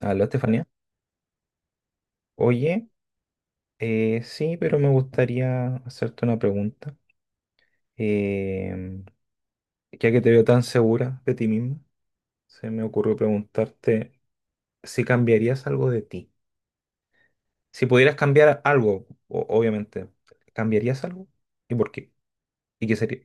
Aló, Estefanía. Oye, sí, pero me gustaría hacerte una pregunta. Em, ya que te veo tan segura de ti misma, se me ocurrió preguntarte si cambiarías algo de ti. Si pudieras cambiar algo, obviamente, ¿cambiarías algo? ¿Y por qué? ¿Y qué sería?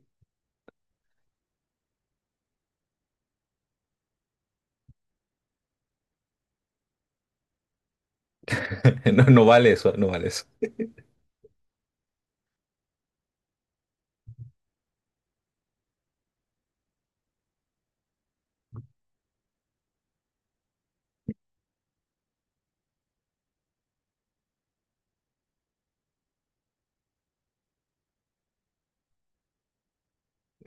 No, no vale eso, no vale eso.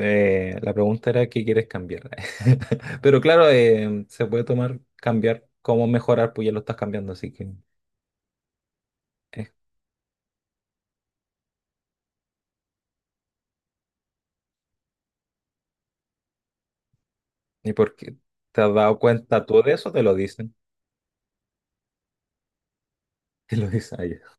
La pregunta era qué quieres cambiar. Pero claro, se puede tomar cambiar, cómo mejorar, pues ya lo estás cambiando, así que es. ¿Y por qué? ¿Te has dado cuenta tú de eso? ¿O te lo dicen? Te lo dicen a ella.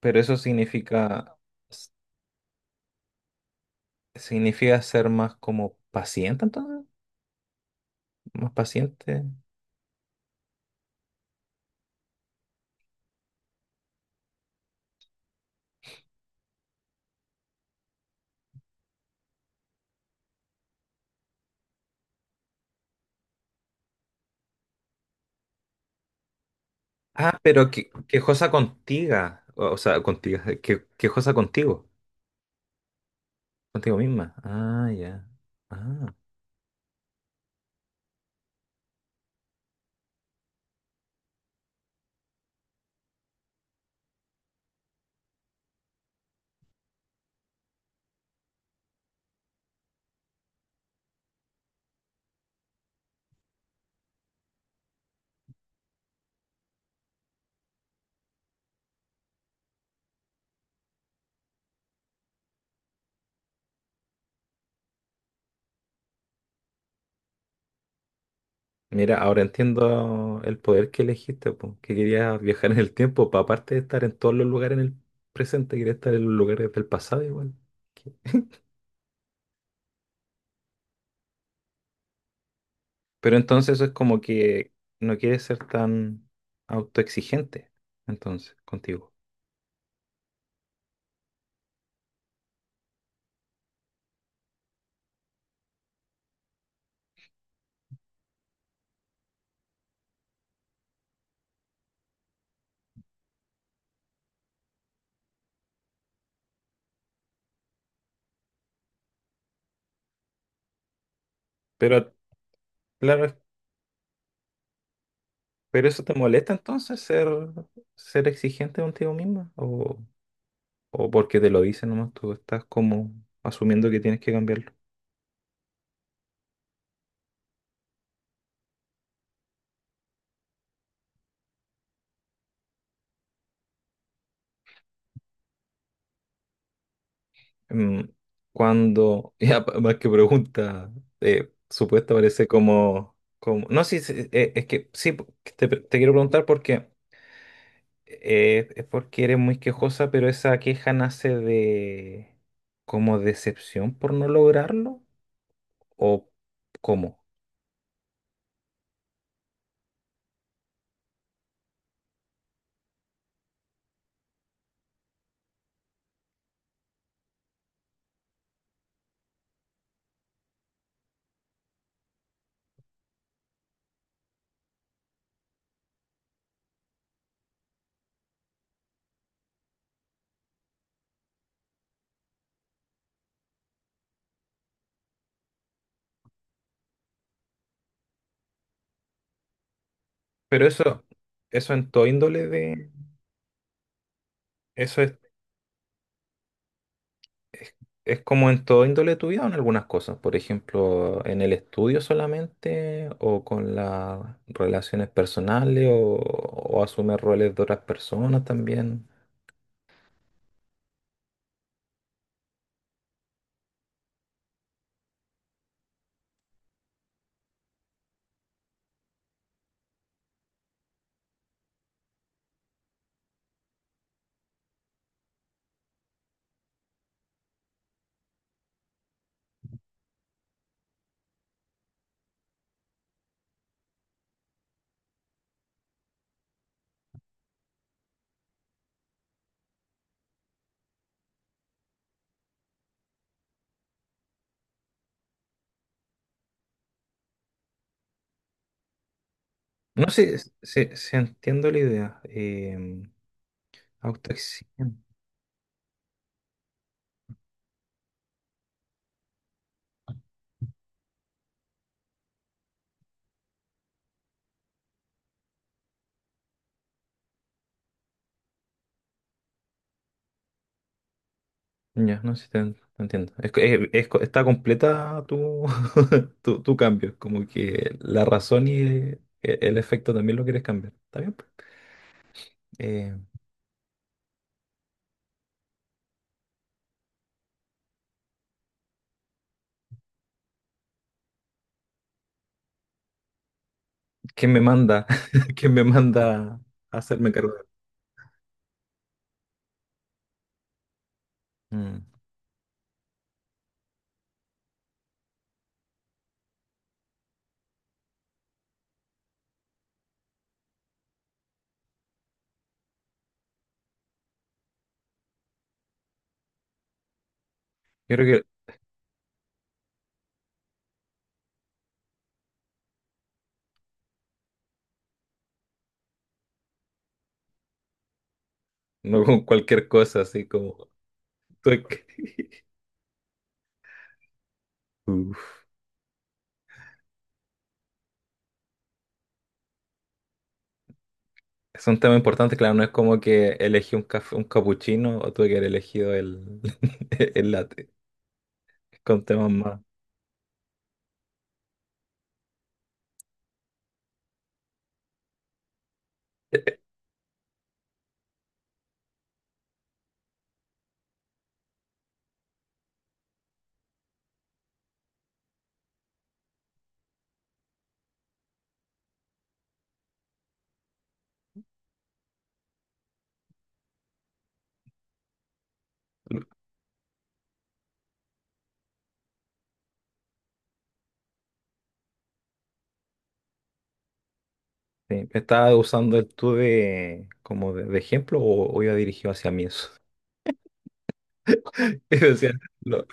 Pero eso significa ser más como paciente, entonces. Más paciente. Ah, pero quejosa contigo. O sea, contigo. Que, quejosa contigo. Contigo misma. Ah, ya. Ah. Mira, ahora entiendo el poder que elegiste, po, que querías viajar en el tiempo, para aparte de estar en todos los lugares en el presente, querías estar en los lugares del pasado igual. Pero entonces eso es como que no quieres ser tan autoexigente, entonces, contigo. Pero, claro, pero eso te molesta entonces ser exigente contigo misma o porque te lo dicen nomás, tú estás como asumiendo que tienes que cambiarlo. Mm, Cuando, ya más que pregunta, supuesta parece no, sí, sí, es que sí, te quiero preguntar porque... Es porque eres muy quejosa, pero esa queja nace de como decepción por no lograrlo o cómo. Pero eso en todo índole de, eso es como en todo índole de tu vida o en algunas cosas. Por ejemplo, en el estudio solamente o con las relaciones personales o asumir roles de otras personas también. No sé si entiendo la idea. Autoexigente. Ya, no sé si te entiendo. Es, que- es co- Está completa tu, tu cambio. Es como que la razón y efecto también lo quieres cambiar. ¿Está bien? Pues. Eh, ¿Quién me manda? ¿Quién me manda a hacerme cargo de... Mm. Yo creo que no con cualquier cosa, así como... tú es que- Uf. Es un tema importante, claro, no es como que elegí un café, un capuchino o tuve que haber elegido el, el latte. Es con temas más... Sí, estaba usando el tú de, como de ejemplo o iba dirigido hacia mí eso. Y decía, lo,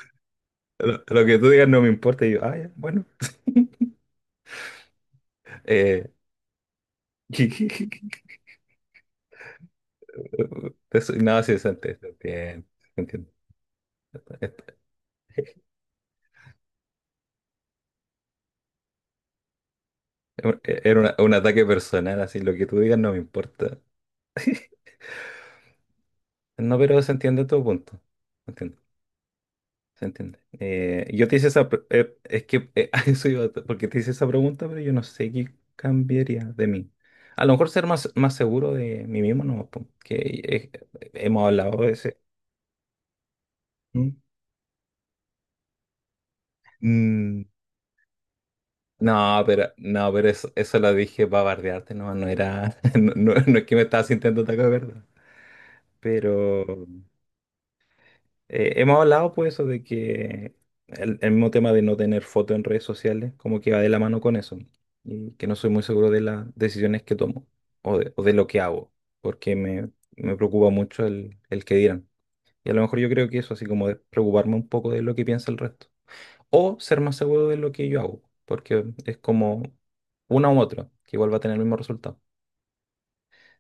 lo que tú digas no me importa. Y yo, ah, ya, bueno. Eh, no, sí, se entiende. Se entiende, se entiende. Era un ataque personal, así, lo que tú digas no me importa. No, pero se entiende tu punto. Se entiende. Se entiende. Yo te hice esa... es que a eso iba, porque te hice esa pregunta, pero yo no sé qué cambiaría de mí. A lo mejor ser más, más seguro de mí mismo, no, po, que eh, hemos hablado de ese. ¿Mm? Mm, no, pero, no, pero eso lo dije para bardearte, no, no era... No, no es que me estabas sintiendo ataque, ¿verdad? Pero... Hemos hablado pues eso de que el mismo tema de no tener foto en redes sociales como que va de la mano con eso y que no soy muy seguro de las decisiones que tomo o de lo que hago porque me preocupa mucho el que dirán. Y a lo mejor yo creo que eso, así como de preocuparme un poco de lo que piensa el resto o ser más seguro de lo que yo hago porque es como una u otra que igual va a tener el mismo resultado.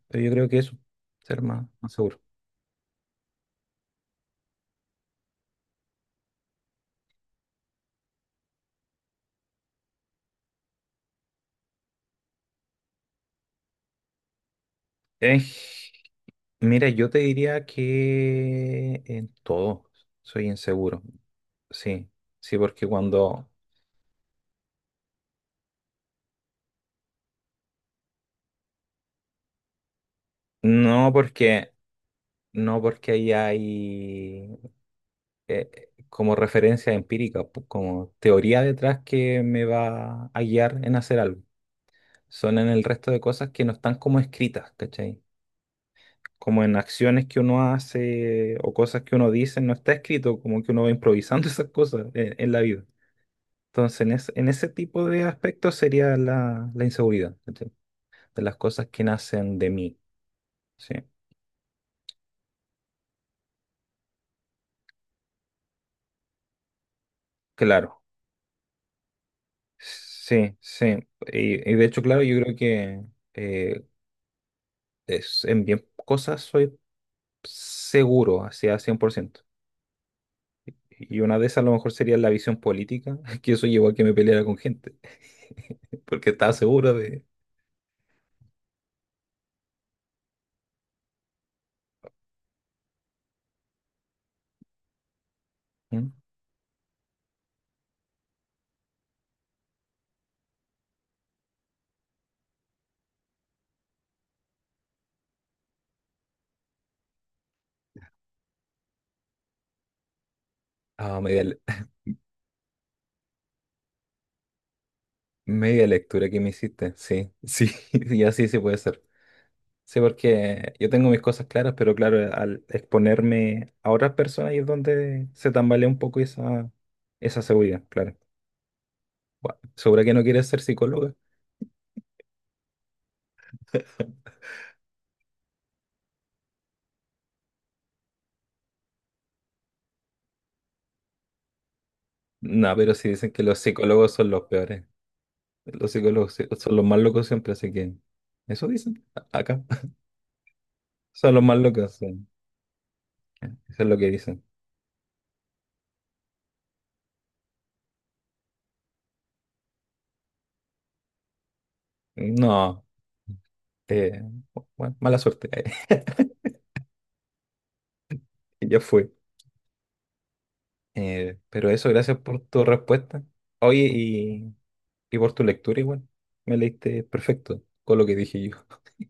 Pero yo creo que eso, ser más, más seguro. En Mira, yo te diría que en todo soy inseguro. Sí, sí, porque cuando... No porque, no porque ahí hay como referencia empírica, como teoría detrás que me va a guiar en hacer algo. Son en el resto de cosas que no están como escritas, ¿cachai? Como en acciones que uno hace o cosas que uno dice, no está escrito, como que uno va improvisando esas cosas en la vida. Entonces, en ese tipo de aspectos sería la inseguridad, ¿cachai? De las cosas que nacen de mí, ¿sí? Claro, sí, sí. Y de hecho, claro, yo creo que eh, en bien cosas soy seguro, hacia 100%. Y una de esas a lo mejor sería la visión política, que eso llevó a que me peleara con gente, porque estaba seguro de... ¿Mm? Ah, media lectura que me hiciste, sí, sí, y así se puede ser. Sí, porque yo tengo mis cosas claras, pero claro, al exponerme a otras personas ahí es donde se tambalea un poco esa seguridad, claro. Bueno, ¿segura que no quieres ser psicóloga? No, pero sí dicen que los psicólogos son los peores. Los psicólogos son los más locos siempre, así que eso dicen acá. Son los más locos, sí. Eso es lo que dicen. No, eh, bueno, mala suerte. Ya fue. Pero eso, gracias por tu respuesta. Oye, y por tu lectura igual, me leíste perfecto con lo que dije yo.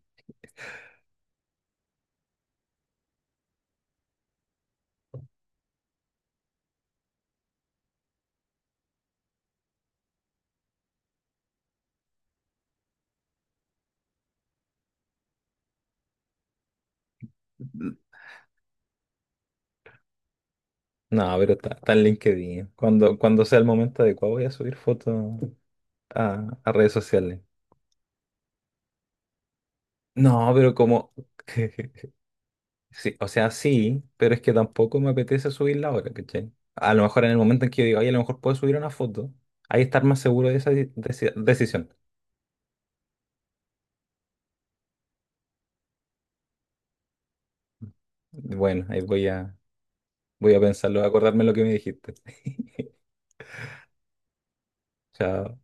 No, pero está en LinkedIn. Cuando sea el momento adecuado voy a subir fotos a redes sociales. No, pero como... Sí, o sea, sí, pero es que tampoco me apetece subirla ahora, ¿cachai? A lo mejor en el momento en que yo diga, oye, a lo mejor puedo subir una foto, ahí estar más seguro de esa decisión. Bueno, ahí voy a pensarlo, a acordarme lo que me dijiste. Chao.